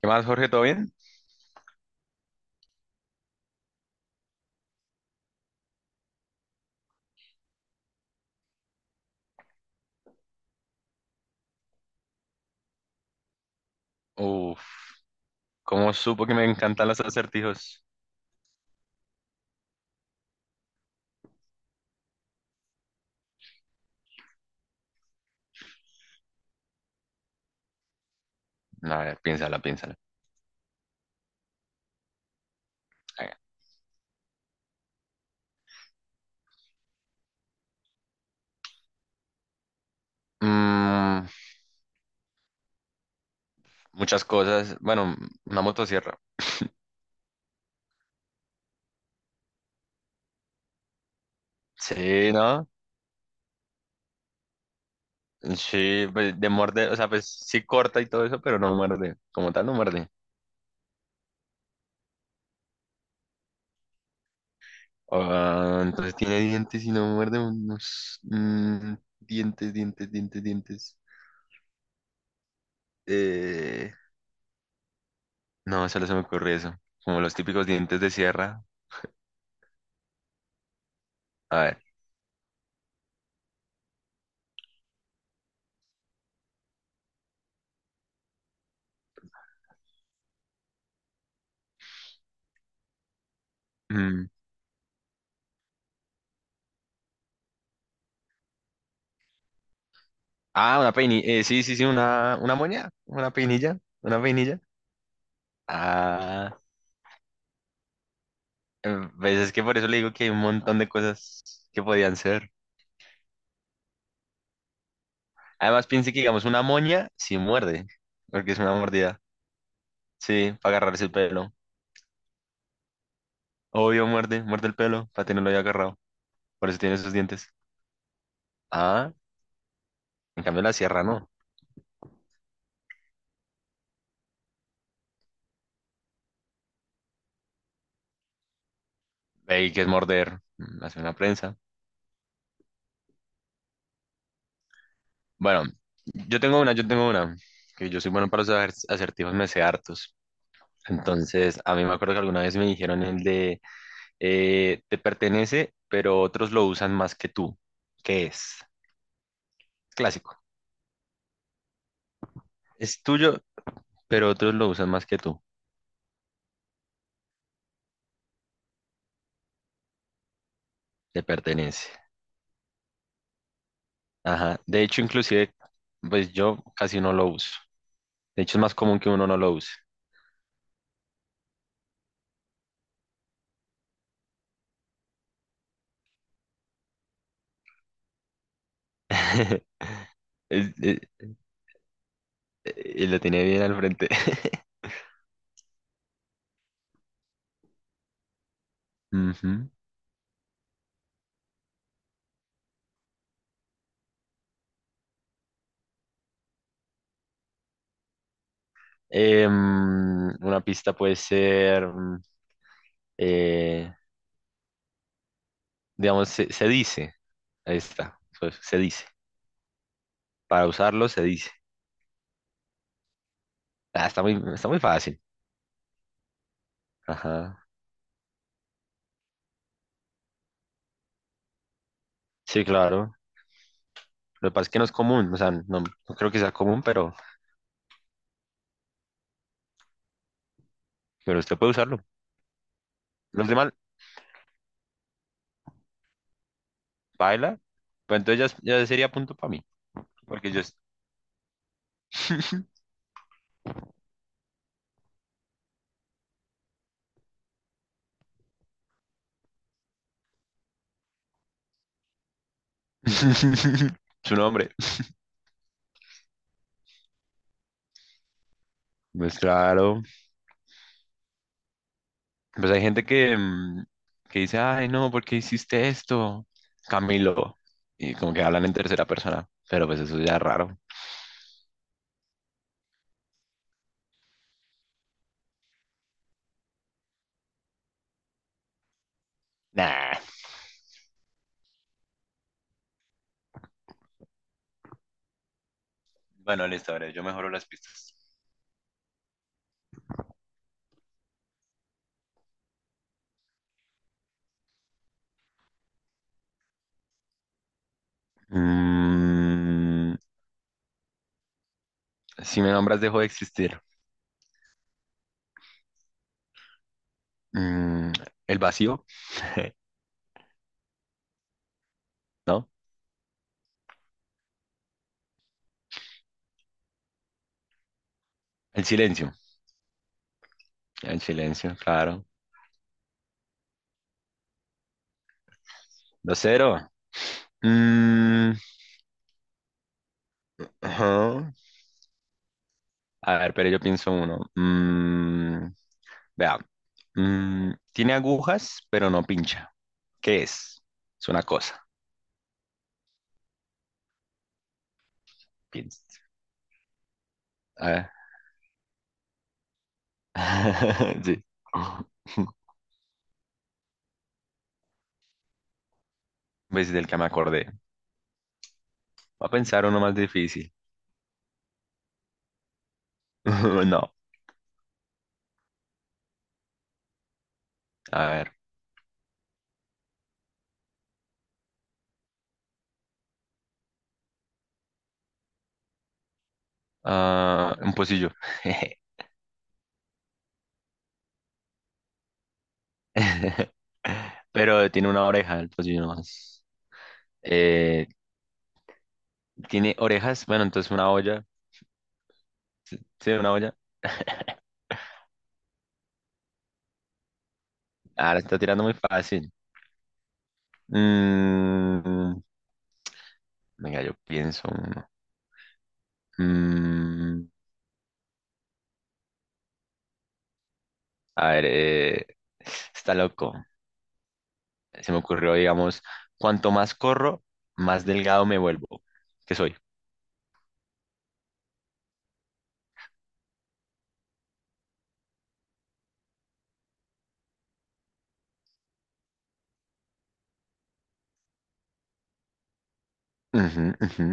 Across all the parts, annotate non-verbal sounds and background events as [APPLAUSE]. ¿Qué más, Jorge? ¿Todo bien? Uf, ¿Cómo supo que me encantan los acertijos? A ver, piénsala, piénsala. A Mm, muchas cosas. Bueno, una motosierra. Sí, ¿no? Sí, pues, de morder, o sea, pues sí corta y todo eso, pero no muerde. Como tal, no muerde. Ah, entonces tiene dientes y no muerde unos dientes, dientes, dientes, dientes. Eh, no, solo se me ocurre eso. Como los típicos dientes de sierra. A ver. mm, Ah, una peinilla. Sí, sí, sí, una moña. Una peinilla. Una peinilla. Ah, pues es que por eso le digo que hay un montón de cosas que podían ser. Además, piense que, digamos, una moña sí muerde, porque es una mordida. Sí, para agarrarse el pelo. Obvio, muerde, muerde el pelo para tenerlo ya agarrado. Por eso tiene esos dientes. Ah, en cambio, la sierra no. Ahí que es morder. Hace una prensa. Bueno, yo tengo una. Que yo soy bueno para los acertijos, me sé hartos. Entonces, a mí me acuerdo que alguna vez me dijeron el de: te pertenece, pero otros lo usan más que tú. ¿Qué es? Clásico. Es tuyo, pero otros lo usan más que tú. Te pertenece. Ajá. De hecho, inclusive, pues yo casi no lo uso. De hecho, es más común que uno no lo use. [LAUGHS] Es- es- Y lo tiene bien al frente. [LAUGHS] Ujú. Una pista puede ser, eh, digamos, se dice. Ahí está. Pues, se dice. Para usarlo se dice. Ah, está muy fácil. Ajá. Sí, claro. Lo que pasa es que no es común. O sea, no, no creo que sea común, pero usted puede usarlo. Los demás, baila. Pues entonces ya, ya sería punto para mí. Porque yo... [LAUGHS] Su nombre. Pues claro. Pues hay gente que, que dice, ay, no, ¿por qué hiciste esto? Camilo. Y como que hablan en tercera persona. Pero pues eso ya es raro. Nah. Bueno, listo, a ver, yo mejoro las pistas. Mm, Si me nombras, dejo de existir. Mm, el vacío, [LAUGHS] ¿no? El silencio. El silencio, claro. Dos cero. Mm, ajá. A ver, pero yo pienso uno. Vea. Tiene agujas, pero no pincha. ¿Qué es? Es una cosa. Piensa. A ver. [LAUGHS] Sí. Pues del que me acordé. Voy a pensar uno más difícil. [LAUGHS] No. A ver. Ah, un pocillo. [LAUGHS] [LAUGHS] Pero tiene una oreja el pocillo nomás. Eh, tiene orejas, bueno, entonces una olla. Sí, una olla. Ahora está tirando muy fácil. Mm, venga, yo pienso uno. Mm, a ver, eh, está loco. Se me ocurrió, digamos, cuanto más corro, más delgado me vuelvo. ¿Qué soy? Ujú, ujú.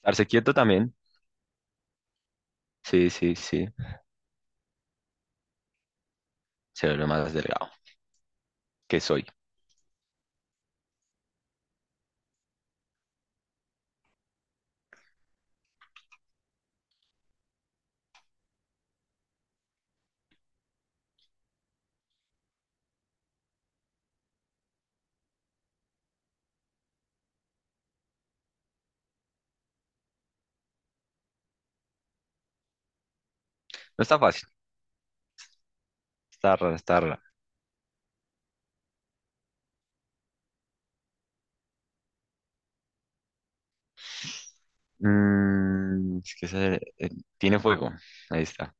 Estarse quieto también. Sí, sí, sí. Se vuelve más delgado. ¿Qué soy? No está fácil. Está raro, está raro. Es que ese, tiene fuego. Ahí está.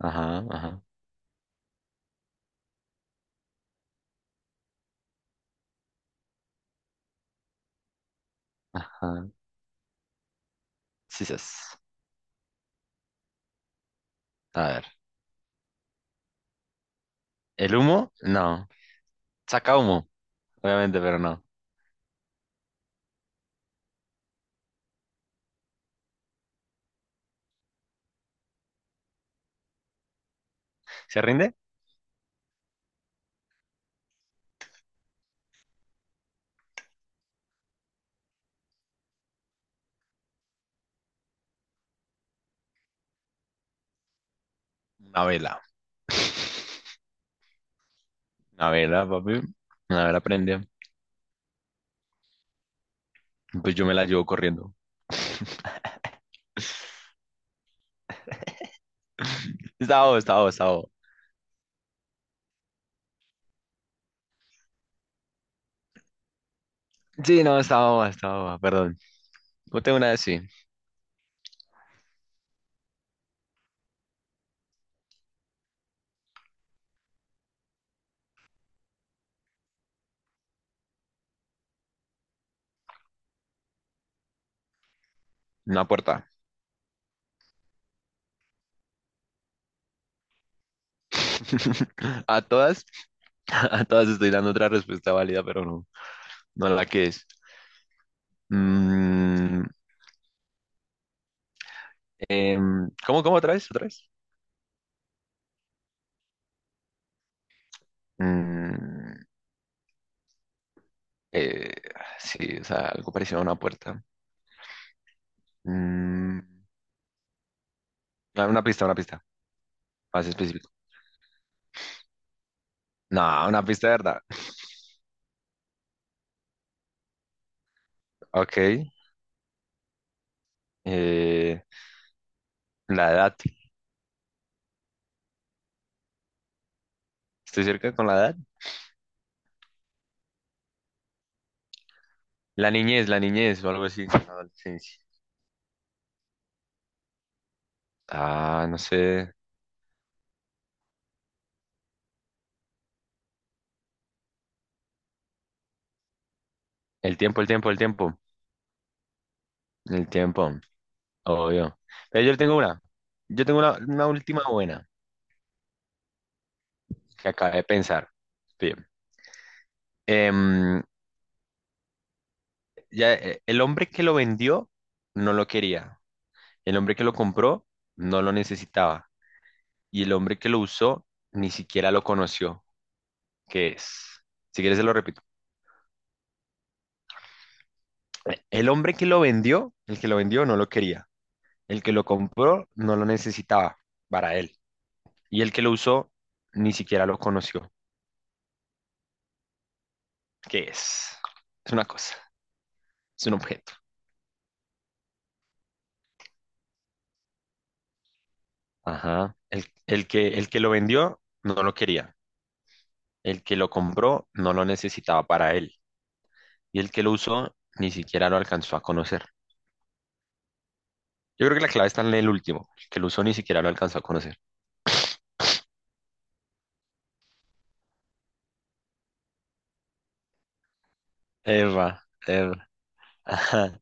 Ajá, ajá, ajá. Sí, sas. A ver. ¿El humo? No. Saca humo, obviamente, pero no. ¿Se rinde? Una vela. [LAUGHS] Una vela, papi. Una vela prende. Pues yo me la llevo corriendo. Está boba, está boba, está boba. Sí, no, está boba, perdón. Ponte una de sí. Una puerta. [LAUGHS] A todas, [LAUGHS] a todas estoy dando otra respuesta válida, pero no, no la que es. Mm, ¿Cómo, cómo otra vez? ¿Otra vez? Mm, eh, sí, o sea, algo parecido a una puerta. Mm, una pista, más específico. No, una pista de verdad. Ok. eh, la edad. ¿Estoy cerca con la edad? La niñez o algo así. La adolescencia. Ah, no sé. El tiempo, el tiempo, el tiempo. El tiempo, obvio. Pero yo tengo una. Yo tengo una última buena que acabé de pensar. Bien. Em, ya el hombre que lo vendió no lo quería, el hombre que lo compró no lo necesitaba y el hombre que lo usó ni siquiera lo conoció, que es, si quieres se lo repito, el hombre que lo vendió, el que lo vendió no lo quería, el que lo compró no lo necesitaba para él y el que lo usó ni siquiera lo conoció, que es una cosa, es un objeto. Ajá. El que lo vendió no lo quería, el que lo compró no lo necesitaba para él. Y el que lo usó ni siquiera lo alcanzó a conocer. Yo creo que la clave está en el último. El que lo usó ni siquiera lo alcanzó a conocer. Eva, Eva. [LAUGHS] Ajá.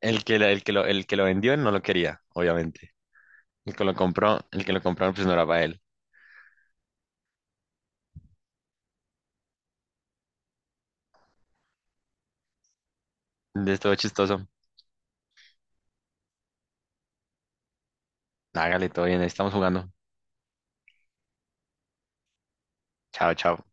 El que lo vendió no lo quería, obviamente. El que lo compró, el que lo compró, pues no era para él. De esto chistoso. Hágale, todo bien, ahí estamos jugando. Chao, chao.